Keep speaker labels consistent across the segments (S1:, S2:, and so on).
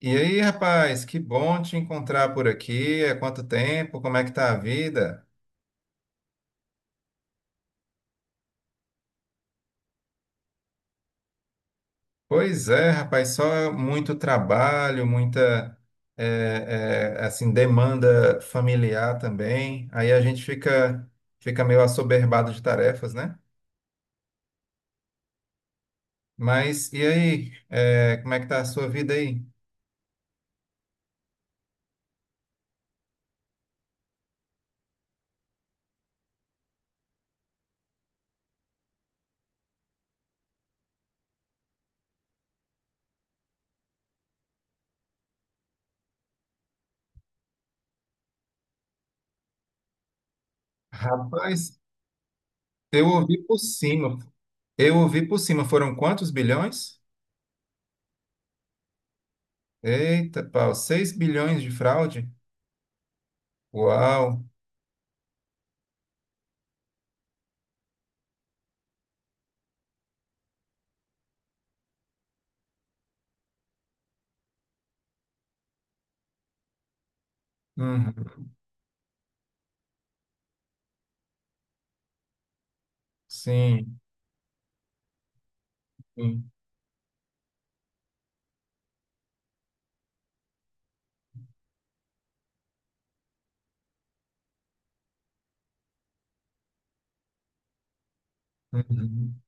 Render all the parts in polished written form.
S1: E aí, rapaz, que bom te encontrar por aqui. Há quanto tempo? Como é que tá a vida? Pois é, rapaz, só muito trabalho, muita assim demanda familiar também. Aí a gente fica meio assoberbado de tarefas, né? Mas e aí, como é que tá a sua vida aí? Rapaz, eu ouvi por cima. Eu ouvi por cima. Foram quantos bilhões? Eita, pau, seis bilhões de fraude? Uau! Uhum. Sim, sim. Uhum,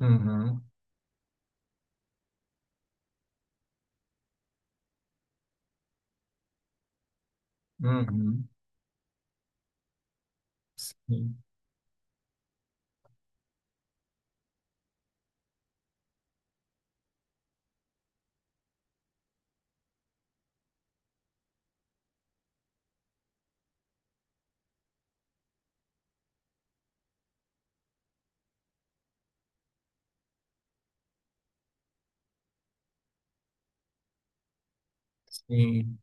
S1: uhum, uhum, sim, sim.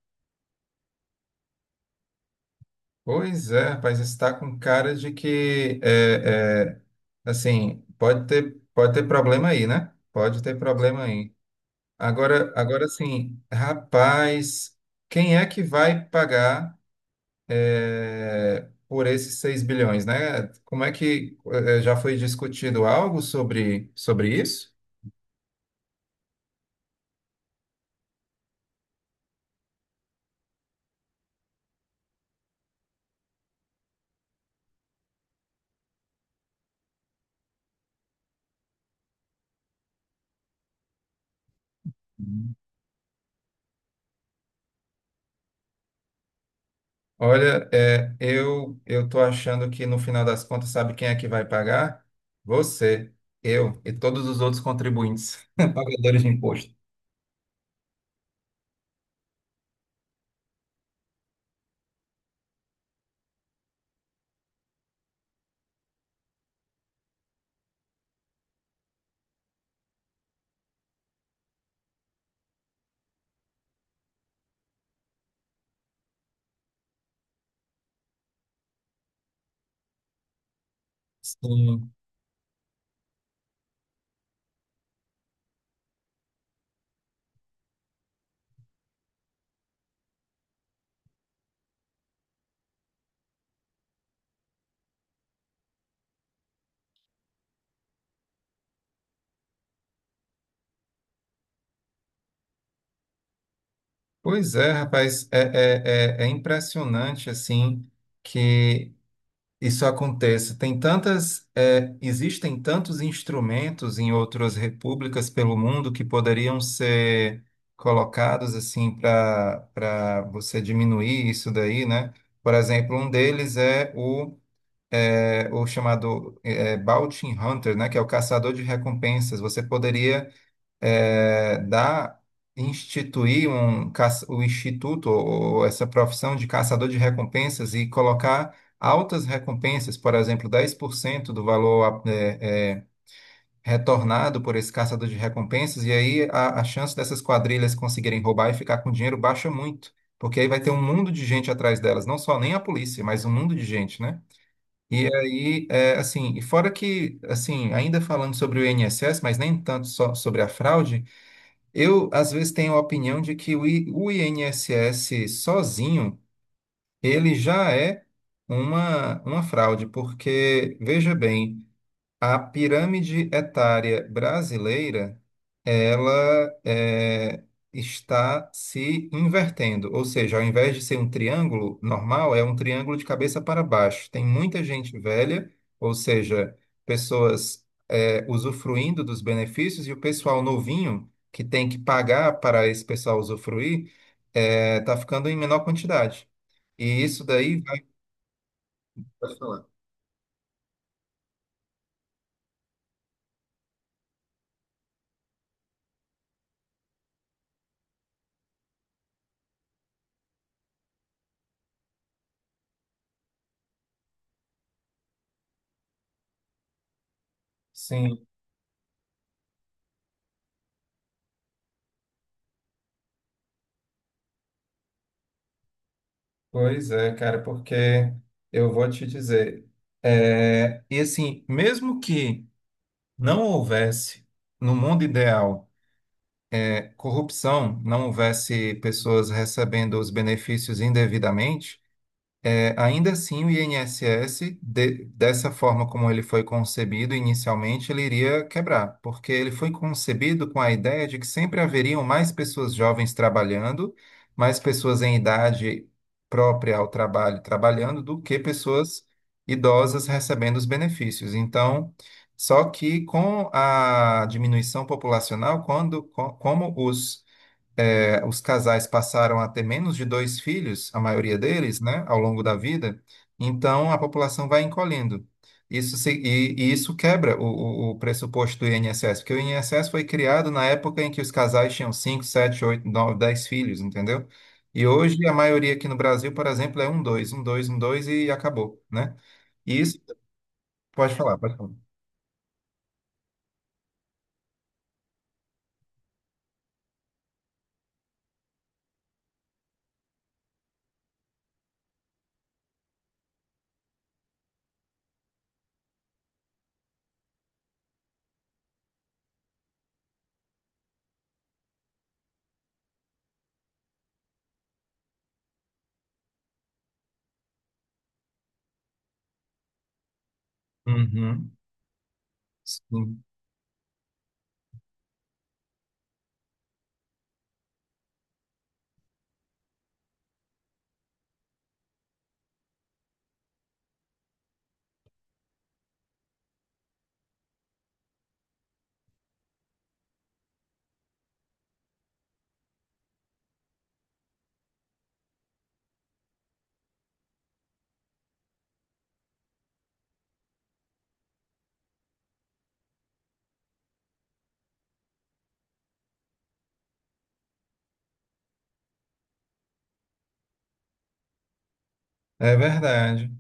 S1: Pois é, rapaz, está com cara de que, assim, pode ter problema aí, né? Pode ter problema aí. Agora, agora sim, rapaz, quem é que vai pagar, por esses 6 bilhões, né? Como é que, já foi discutido algo sobre isso? Olha, eu tô achando que no final das contas, sabe quem é que vai pagar? Você, eu e todos os outros contribuintes, pagadores de imposto. Sim. Pois é, rapaz, é impressionante assim que isso acontece. Tem tantas, existem tantos instrumentos em outras repúblicas pelo mundo que poderiam ser colocados assim para você diminuir isso daí, né? Por exemplo, um deles é o chamado Bounty Hunter, né? Que é o caçador de recompensas. Você poderia é, dar instituir o instituto ou essa profissão de caçador de recompensas e colocar altas recompensas, por exemplo, 10% do valor retornado por esse caçador de recompensas, e aí a chance dessas quadrilhas conseguirem roubar e ficar com dinheiro baixa muito. Porque aí vai ter um mundo de gente atrás delas, não só nem a polícia, mas um mundo de gente, né? E aí, assim, e fora que, assim, ainda falando sobre o INSS, mas nem tanto só sobre a fraude, eu, às vezes, tenho a opinião de que o INSS sozinho, ele já é uma fraude, porque, veja bem, a pirâmide etária brasileira, ela está se invertendo, ou seja, ao invés de ser um triângulo normal, é um triângulo de cabeça para baixo. Tem muita gente velha, ou seja, pessoas usufruindo dos benefícios e o pessoal novinho que tem que pagar para esse pessoal usufruir está ficando em menor quantidade. E isso daí vai. Pode falar. Sim. Pois é, cara, porque eu vou te dizer, e assim, mesmo que não houvesse, no mundo ideal, corrupção, não houvesse pessoas recebendo os benefícios indevidamente, ainda assim, o INSS, dessa forma como ele foi concebido inicialmente, ele iria quebrar, porque ele foi concebido com a ideia de que sempre haveriam mais pessoas jovens trabalhando, mais pessoas em idade própria ao trabalho trabalhando, do que pessoas idosas recebendo os benefícios. Então, só que com a diminuição populacional, quando, como os casais passaram a ter menos de dois filhos, a maioria deles, né, ao longo da vida, então a população vai encolhendo. E isso quebra o pressuposto do INSS, porque o INSS foi criado na época em que os casais tinham 5 7 8 9 10 filhos, entendeu? E hoje a maioria aqui no Brasil, por exemplo, é um, dois, um, dois, um, dois e acabou, né? E isso, pode falar, pode falar. Uhum, sim. É verdade.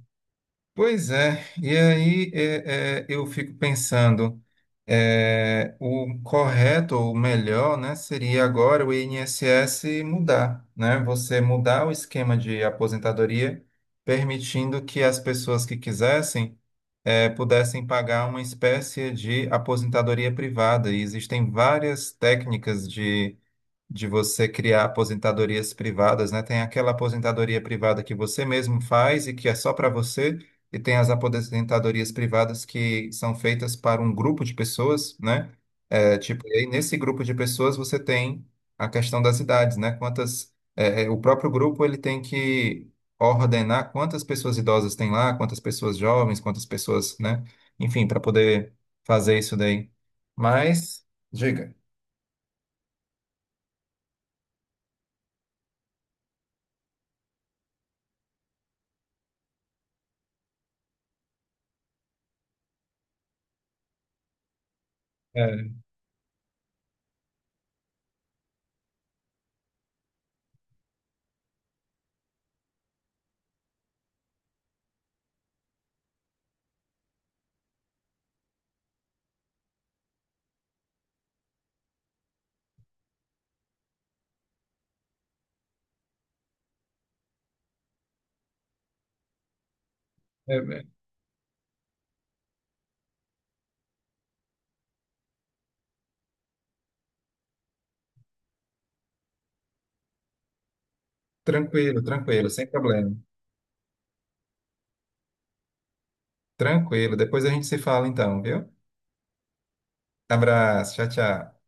S1: Pois é, e aí eu fico pensando, o correto ou o melhor, né, seria agora o INSS mudar, né? Você mudar o esquema de aposentadoria, permitindo que as pessoas que quisessem pudessem pagar uma espécie de aposentadoria privada. E existem várias técnicas de você criar aposentadorias privadas, né? Tem aquela aposentadoria privada que você mesmo faz e que é só para você, e tem as aposentadorias privadas que são feitas para um grupo de pessoas, né? É, tipo, e aí nesse grupo de pessoas você tem a questão das idades, né? Quantas, o próprio grupo ele tem que ordenar quantas pessoas idosas tem lá, quantas pessoas jovens, quantas pessoas, né? Enfim, para poder fazer isso daí. Mas, diga. É, é, Tranquilo, tranquilo, sem problema. Tranquilo. Depois a gente se fala então, viu? Abraço, tchau, tchau.